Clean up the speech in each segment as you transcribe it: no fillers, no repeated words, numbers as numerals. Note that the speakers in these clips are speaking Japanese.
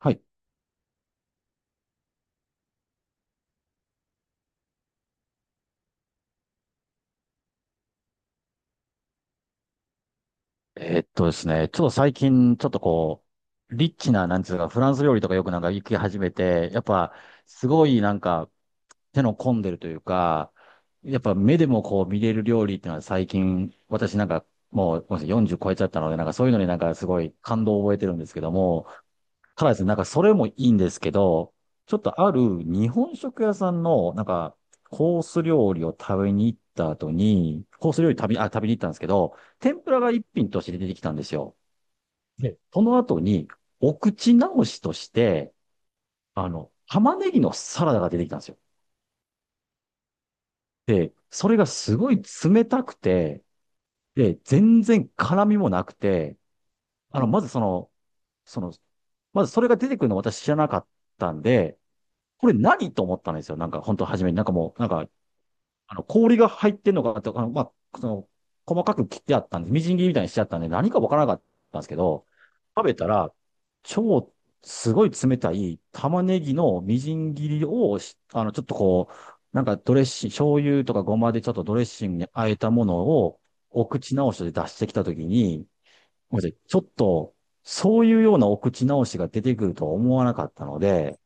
はい。ですね、ちょっと最近、ちょっとこう、リッチな、なんつうか、フランス料理とかよくなんか行き始めて、やっぱ、すごいなんか、手の込んでるというか、やっぱ目でもこう見れる料理っていうのは最近、私なんか、もうごめんなさい40超えちゃったので、なんかそういうのになんかすごい感動を覚えてるんですけども、ただですね、なんかそれもいいんですけど、ちょっとある日本食屋さんの、なんか、コース料理を食べに行った後に、コース料理食べ、あ、食べに行ったんですけど、天ぷらが一品として出てきたんですよ。で、その後に、お口直しとして、あの、玉ねぎのサラダが出てきたんですよ。で、それがすごい冷たくて、で、全然辛みもなくて、あの、まずその、その、まずそれが出てくるの私知らなかったんで、これ何と思ったんですよ。なんか、本当初めに。なんかもう、なんか、あの、氷が入ってんのかとか、あの、細かく切ってあったんで、みじん切りみたいにしちゃったんで、何かわからなかったんですけど、食べたら、超、すごい冷たい玉ねぎのみじん切りをし、あの、ちょっとこう、なんかドレッシング、醤油とかごまでちょっとドレッシングに和えたものを、お口直しで出してきたときに、ごめんなさいちょっと、そういうようなお口直しが出てくるとは思わなかったので、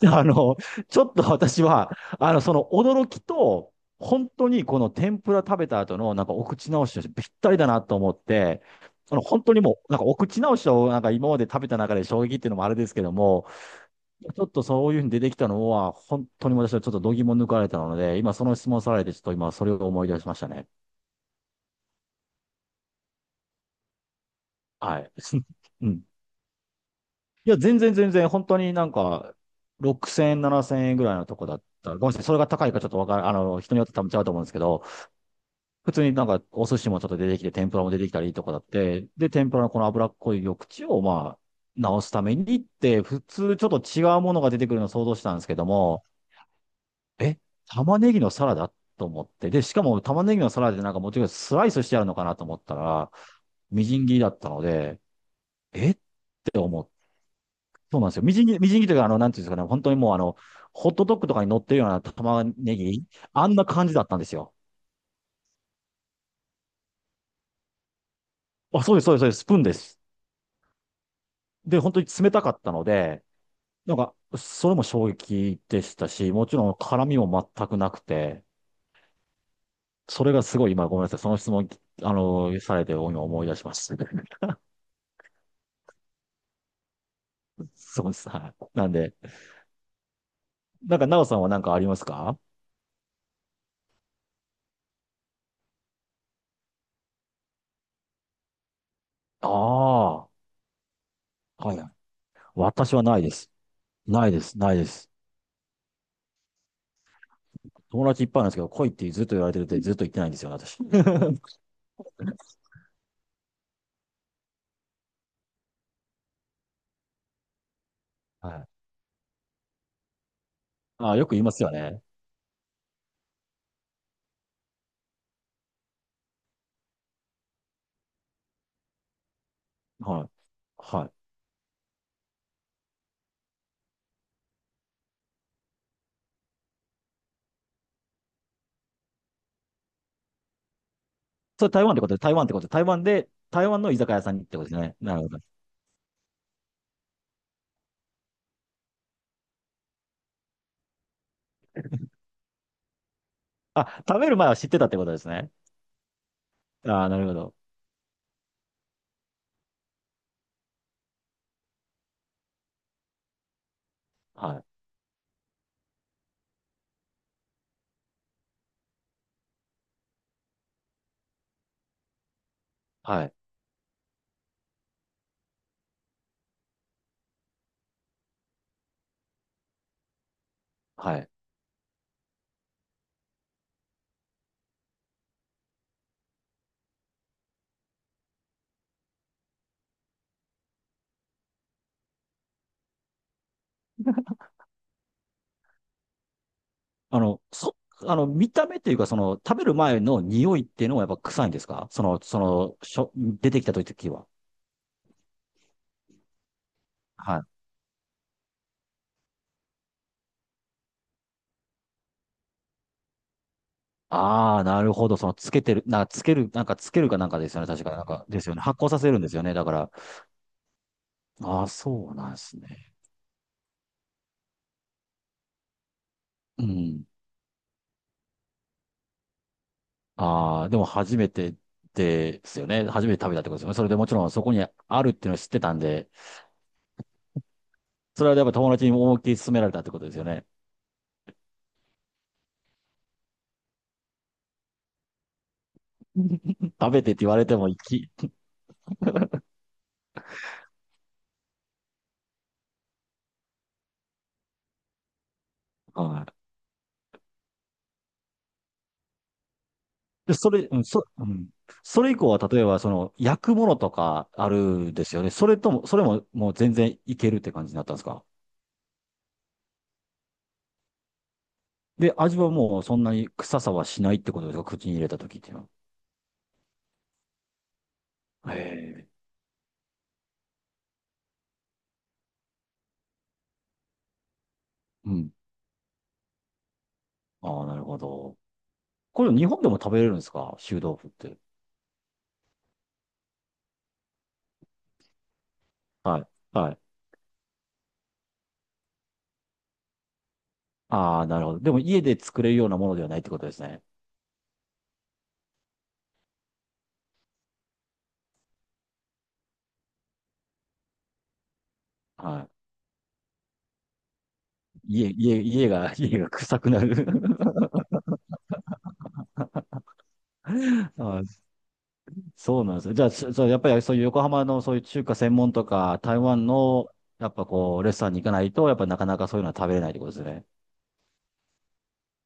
あの、ちょっと私は、あの、その驚きと、本当にこの天ぷら食べた後の、なんかお口直しとしてぴったりだなと思って、その本当にもう、なんかお口直しを、なんか今まで食べた中で衝撃っていうのもあれですけども、ちょっとそういうふうに出てきたのは、本当に私はちょっと度肝抜かれたので、今その質問されて、ちょっと今それを思い出しましたね。はい。うん。いや、全然、本当になんか、6000円、7000円ぐらいのとこだった。ごめんなさい。それが高いかちょっとわかる、あの、人によって多分違うと思うんですけど、普通になんかお寿司もちょっと出てきて、天ぷらも出てきたりとかだって、で、天ぷらのこの脂っこい緑地をまあ、直すためにって、普通ちょっと違うものが出てくるのを想像したんですけども、え、玉ねぎのサラダと思って、で、しかも玉ねぎのサラダでなんかもちろんスライスしてあるのかなと思ったら、みじん切りだったので、えって思って、そうなんですよ。みじん切りというか、あの、なんていうんですかね、本当にもうあの、ホットドッグとかに乗ってるような玉ねぎ、あんな感じだったんですよ。あ、そうです、そうです、そうです、スプーンです。で、本当に冷たかったので、なんか、それも衝撃でしたし、もちろん絡みも全くなくて、それがすごい今ごめんなさい。その質問、あの、されて今思い出しました。そうです。はい。なんで、なんか、なおさんは何かありますか？ああ、はい。私はないです。ないです。友達いっぱいなんですけど、来いってずっと言われてるってずっと言ってないんですよね、私。はい。ああ、よく言いますよね。はい。はい。それ台湾ってことで、台湾ってことで、台湾で、台湾の居酒屋さんにってことですね。なるほど。あ、食べる前は知ってたってことですね。ああ、なるほど。はい。はい。はい。あの、そ、あの、見た目っていうか、その、食べる前の匂いっていうのはやっぱ臭いんですか？出てきた時は。はい。ああ、なるほど。その、つけてる、なんか、つける、なんか、つけるかなんかですよね。確か、なんか、ですよね。発酵させるんですよね。だから、ああ、そうなんですね。うん。ああ、でも、初めてですよね。初めて食べたってことですよね。それでもちろん、そこにあるっていうのを知ってたんで、それはやっぱ友達に思いっきり勧められたってことですよね。食べてって言われても、き、はい。で、それ、うん、そ、うん。それ以降は、例えば、その、焼くものとかあるんですよね。それとも、それも、もう全然いけるって感じになったんですか？で、味はもう、そんなに臭さはしないってことですか？口に入れた時っていうのは。へえ。うん。ああ、なるほど。これ、日本でも食べれるんですか？臭豆腐って。はい。はい。ああ、なるほど。でも、家で作れるようなものではないってことですね。はい。家が臭くなる。 あそうなんですよ。じゃあ、そうやっぱりそういう横浜のそういう中華専門とか、台湾の、やっぱこう、レストランに行かないと、やっぱなかなかそういうのは食べれないってことですね。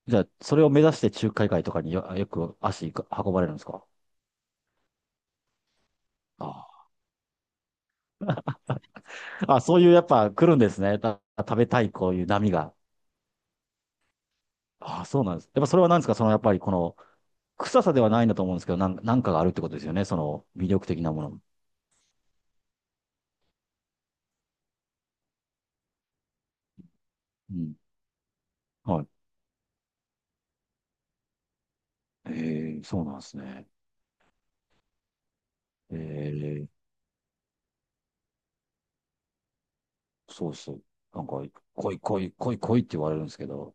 じゃあ、それを目指して中華街とかによく足が運ばれるんですか？ああ、あそういうやっぱ来るんですね。食べたいこういう波が。ああ、そうなんです。やっぱそれは何ですか？そのやっぱりこの、臭さではないんだと思うんですけど、なんかがあるってことですよね。その魅力的なもの。うん。はい。ええ、そうなんですね。ええ、そうそう。なんか、来い来い来い来いって言われるんですけど、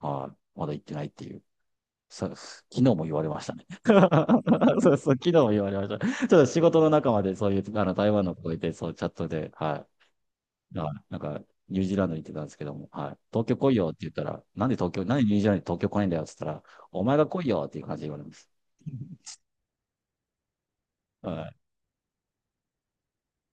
はい。まだ行ってないっていう。昨日も言われましたね。そうそう、昨日も言われました。ちょっと仕事の仲間でそういう、あの、台湾の子がいて、そう、チャットで、はい。はいなんか、ニュージーランドに行ってたんですけども、はい。東京来いよって言ったら、なんでニュージーランドに東京来ないんだよって言ったら、お前が来いよっていう感じで言われます。はい。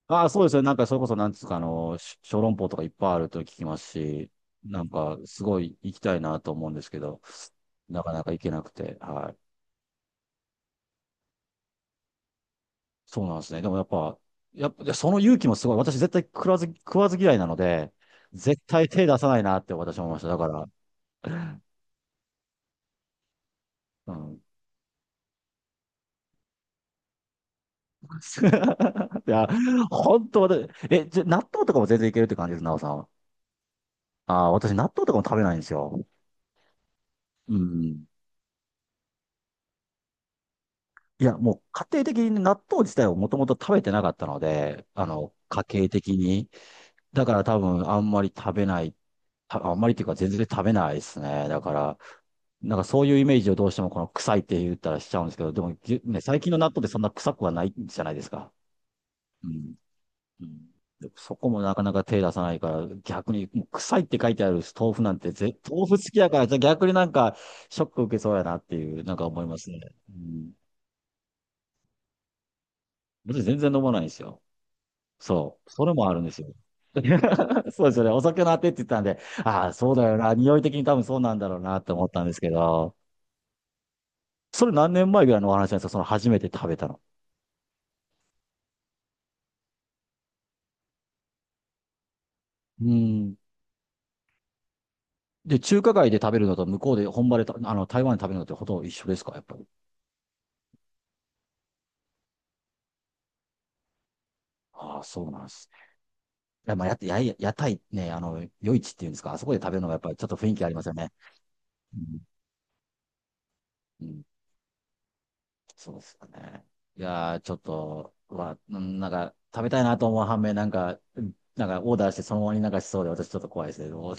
ああ、そうですね。なんか、それこそ、なんですか、あの、小籠包とかいっぱいあると聞きますし、なんか、すごい行きたいなと思うんですけど、なかなか行けなくて、はい。そうなんですね。でもやっぱ、いやその勇気もすごい。私絶対食わず嫌いなので、絶対手出さないなって私は思いました。だから、うん。いや、本当私、え、じゃ、納豆とかも全然いけるって感じです、なおさんは。ああ、私納豆とかも食べないんですよ。うん。いや、もう家庭的に納豆自体をもともと食べてなかったので、あの、家計的に。だから多分あんまり食べない、あんまりっていうか全然食べないですね。だから、なんかそういうイメージをどうしてもこの臭いって言ったらしちゃうんですけど、でも、ね、最近の納豆ってそんな臭くはないじゃないですか。うん。うんそこもなかなか手出さないから、逆にもう臭いって書いてある豆腐なんて豆腐好きだから、じゃあ逆になんかショック受けそうやなっていう、なんか思いますね。うん。私全然飲まないんですよ。そう。それもあるんですよ。そうですよね。お酒のあてって言ったんで、ああ、そうだよな。匂い的に多分そうなんだろうなって思ったんですけど、それ何年前ぐらいのお話なんですか？その初めて食べたの。うん。で、中華街で食べるのと向こうで本場でた、あの、台湾で食べるのってほとんど一緒ですか？やっぱり。ああ、そうなんです。いや、まあ、屋台ね、あの、夜市っていうんですか？あそこで食べるのがやっぱりちょっと雰囲気ありますよね。うん。うんそうですよね。いやー、ちょっと、うんなんか、食べたいなと思う反面、なんか、うんなんか、オーダーしてそのままになんかしそうで、私ちょっと怖いですね。どう